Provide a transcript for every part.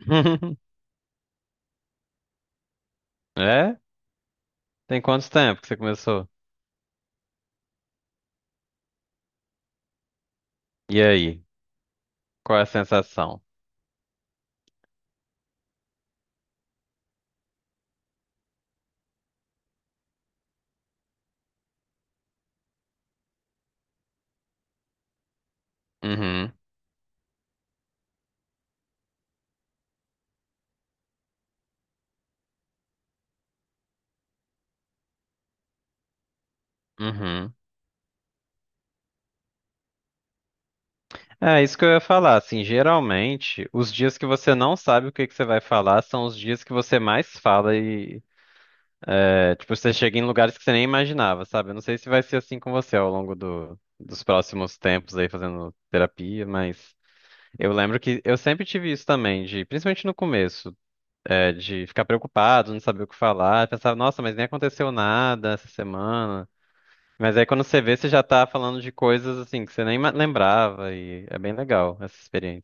É? Tem quanto tempo que você começou? E aí? Qual é a sensação? Uhum, uhum. É isso que eu ia falar. Assim, geralmente, os dias que você não sabe o que que você vai falar são os dias que você mais fala e, é, tipo, você chega em lugares que você nem imaginava, sabe? Eu não sei se vai ser assim com você ao longo dos próximos tempos aí fazendo terapia, mas eu lembro que eu sempre tive isso também, de, principalmente no começo. De ficar preocupado, não saber o que falar. Pensava, nossa, mas nem aconteceu nada essa semana. Mas aí quando você vê, você já tá falando de coisas assim que você nem lembrava e é bem legal essa experiência.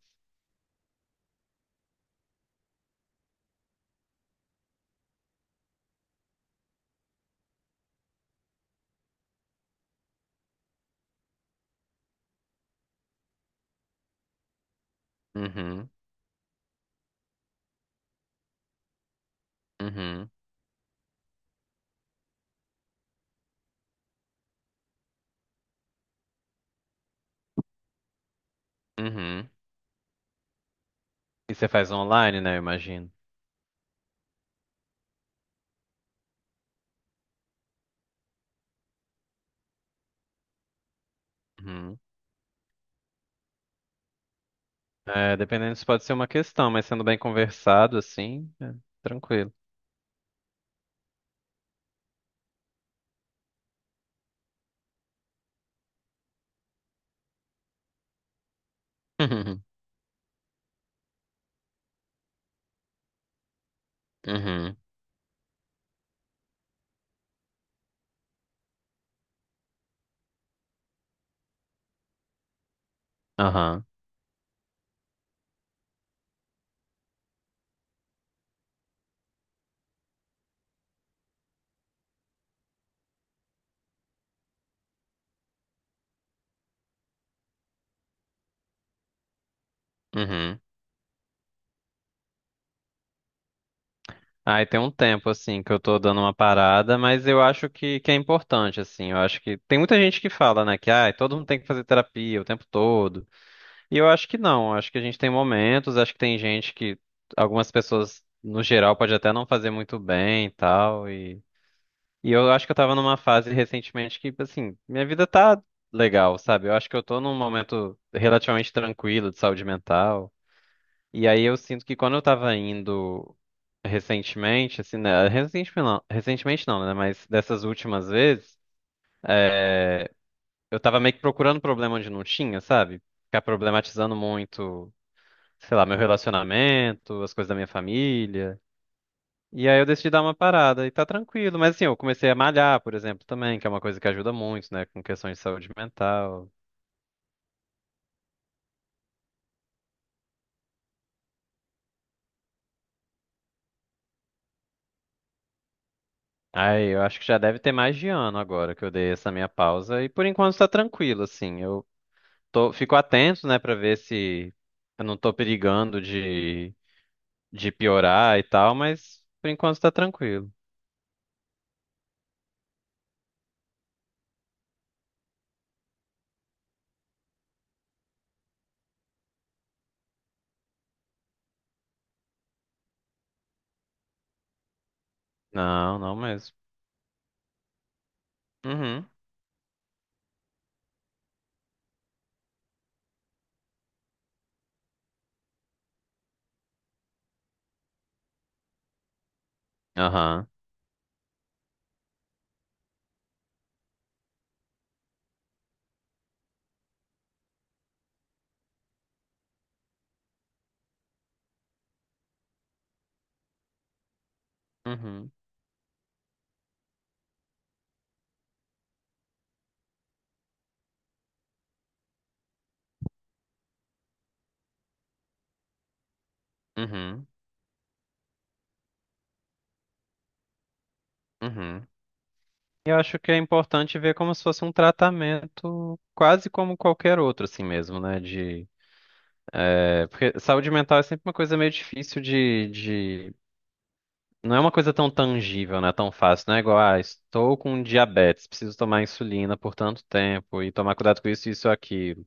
Uhum, uhum, uhum. E você faz online, né, eu imagino. Uhum. É, dependendo, isso pode ser uma questão, mas sendo bem conversado assim, é tranquilo. Uhum, uhum, aham, uhum. Aí tem um tempo, assim, que eu tô dando uma parada, mas eu acho que é importante, assim. Eu acho que tem muita gente que fala, né, que ah, todo mundo tem que fazer terapia o tempo todo. E eu acho que não. Eu acho que a gente tem momentos, acho que tem gente que algumas pessoas, no geral, pode até não fazer muito bem e tal. E eu acho que eu tava numa fase recentemente que, assim, minha vida tá legal, sabe? Eu acho que eu tô num momento relativamente tranquilo de saúde mental. E aí eu sinto que quando eu tava indo recentemente, assim, né? Recentemente não, né? Mas dessas últimas vezes, é, eu tava meio que procurando problema onde não tinha, sabe? Ficar problematizando muito, sei lá, meu relacionamento, as coisas da minha família. E aí eu decidi dar uma parada e tá tranquilo. Mas assim, eu comecei a malhar, por exemplo, também, que é uma coisa que ajuda muito, né? Com questões de saúde mental. Ai, eu acho que já deve ter mais de ano agora que eu dei essa minha pausa. E por enquanto tá tranquilo, assim. Eu tô, fico atento, né, pra ver se eu não tô perigando de piorar e tal, mas por enquanto tá tranquilo. Não, não mesmo. Uhum, aham, uhum, uhum, uhum. Eu acho que é importante ver como se fosse um tratamento quase como qualquer outro, assim mesmo, né? Porque saúde mental é sempre uma coisa meio difícil de... Não é uma coisa tão tangível, né? Tão fácil. Não é igual, ah, estou com diabetes, preciso tomar insulina por tanto tempo e tomar cuidado com isso, isso e aquilo.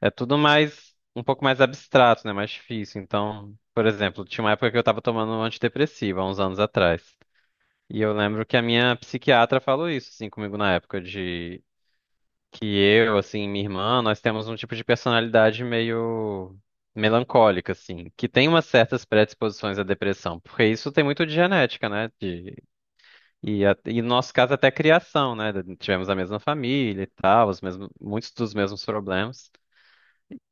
É tudo mais, um pouco mais abstrato, né? Mais difícil. Então, por exemplo, tinha uma época que eu tava tomando um antidepressivo, há uns anos atrás. E eu lembro que a minha psiquiatra falou isso, assim, comigo na época, de que eu, assim, minha irmã, nós temos um tipo de personalidade meio melancólica, assim, que tem umas certas predisposições à depressão, porque isso tem muito de genética, né? E no nosso caso até criação, né? Tivemos a mesma família e tal, os mesmos, muitos dos mesmos problemas.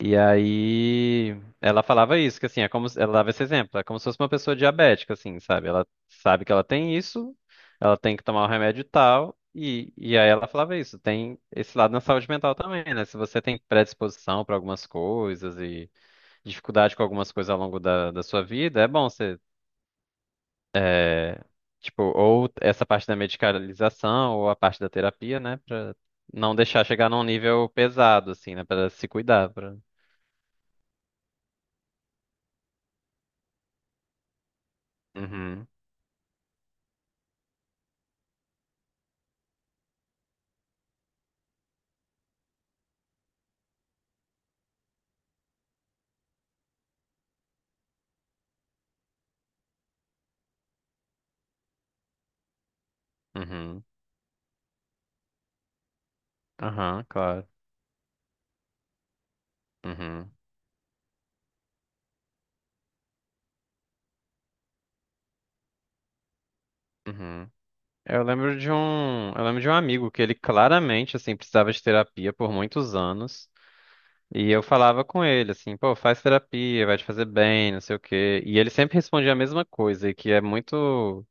E aí ela falava isso, que assim, é como se- ela dava esse exemplo, é como se fosse uma pessoa diabética, assim, sabe? Ela sabe que ela tem isso, ela tem que tomar o remédio tal, e aí ela falava isso, tem esse lado na saúde mental também, né? Se você tem predisposição para algumas coisas e dificuldade com algumas coisas ao longo da sua vida, é bom você, é, tipo, ou essa parte da medicalização, ou a parte da terapia, né? Pra não deixar chegar num nível pesado, assim, né? Pra se cuidar, pra... Uhum, uhum. Aham, claro. Uhum, uhum. Eu lembro de um amigo que ele claramente, assim, precisava de terapia por muitos anos. E eu falava com ele, assim, pô, faz terapia, vai te fazer bem, não sei o quê. E ele sempre respondia a mesma coisa, e que é muito,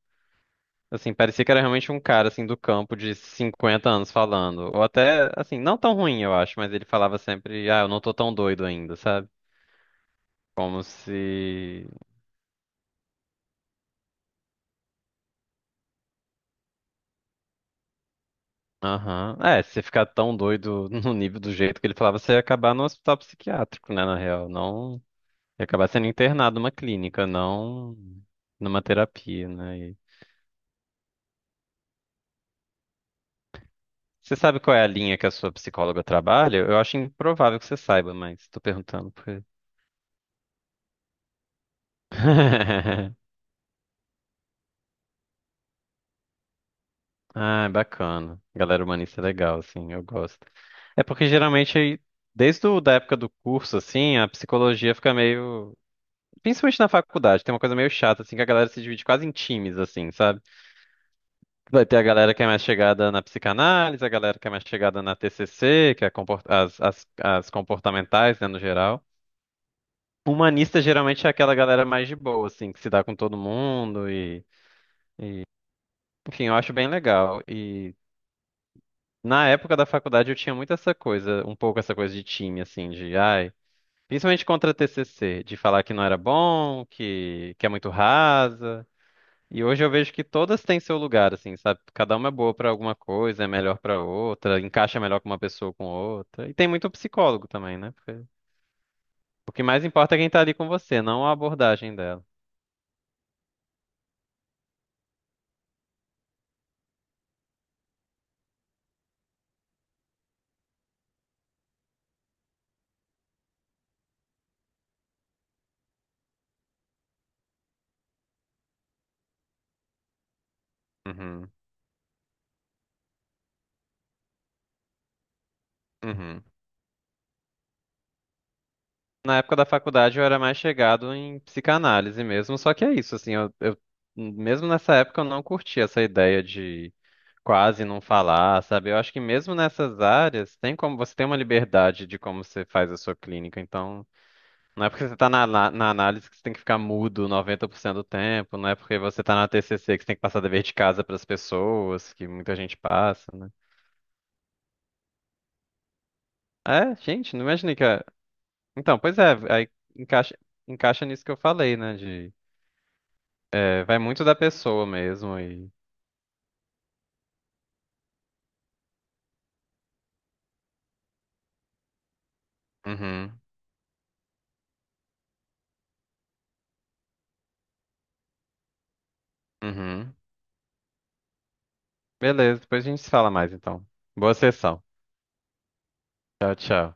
assim, parecia que era realmente um cara, assim, do campo de 50 anos falando. Ou até, assim, não tão ruim, eu acho, mas ele falava sempre, ah, eu não tô tão doido ainda, sabe? Como se... Aham. É, se você ficar tão doido no nível do jeito que ele falava, você ia acabar no hospital psiquiátrico, né, na real. Não, ia acabar sendo internado numa clínica, não numa terapia, né? E você sabe qual é a linha que a sua psicóloga trabalha? Eu acho improvável que você saiba, mas tô perguntando porque... Ah, é bacana. Galera humanista é legal, assim, eu gosto. É porque geralmente, desde da época do curso, assim, a psicologia fica meio... Principalmente na faculdade, tem uma coisa meio chata, assim, que a galera se divide quase em times, assim, sabe? Vai ter a galera que é mais chegada na psicanálise, a galera que é mais chegada na TCC, que é as comportamentais, né, no geral. Humanista geralmente é aquela galera mais de boa, assim, que se dá com todo mundo e... Enfim, eu acho bem legal. E na época da faculdade eu tinha muito essa coisa, um pouco essa coisa de time, assim, de, ai... Principalmente contra a TCC, de falar que não era bom, que é muito rasa. E hoje eu vejo que todas têm seu lugar, assim, sabe? Cada uma é boa pra alguma coisa, é melhor pra outra, encaixa melhor com uma pessoa ou com outra. E tem muito psicólogo também, né? Porque o que mais importa é quem tá ali com você, não a abordagem dela. Uhum, uhum. Na época da faculdade eu era mais chegado em psicanálise mesmo, só que é isso, assim, mesmo nessa época eu não curti essa ideia de quase não falar, sabe? Eu acho que mesmo nessas áreas tem como você tem uma liberdade de como você faz a sua clínica, então... Não é porque você tá na análise que você tem que ficar mudo 90% do tempo, não é porque você tá na TCC que você tem que passar dever de casa pras pessoas, que muita gente passa, né? É, gente, não imaginei que... Então, pois é, aí encaixa, encaixa nisso que eu falei, né, de... É, vai muito da pessoa mesmo e... Uhum, uhum. Beleza, depois a gente se fala mais, então. Boa sessão. Tchau, tchau.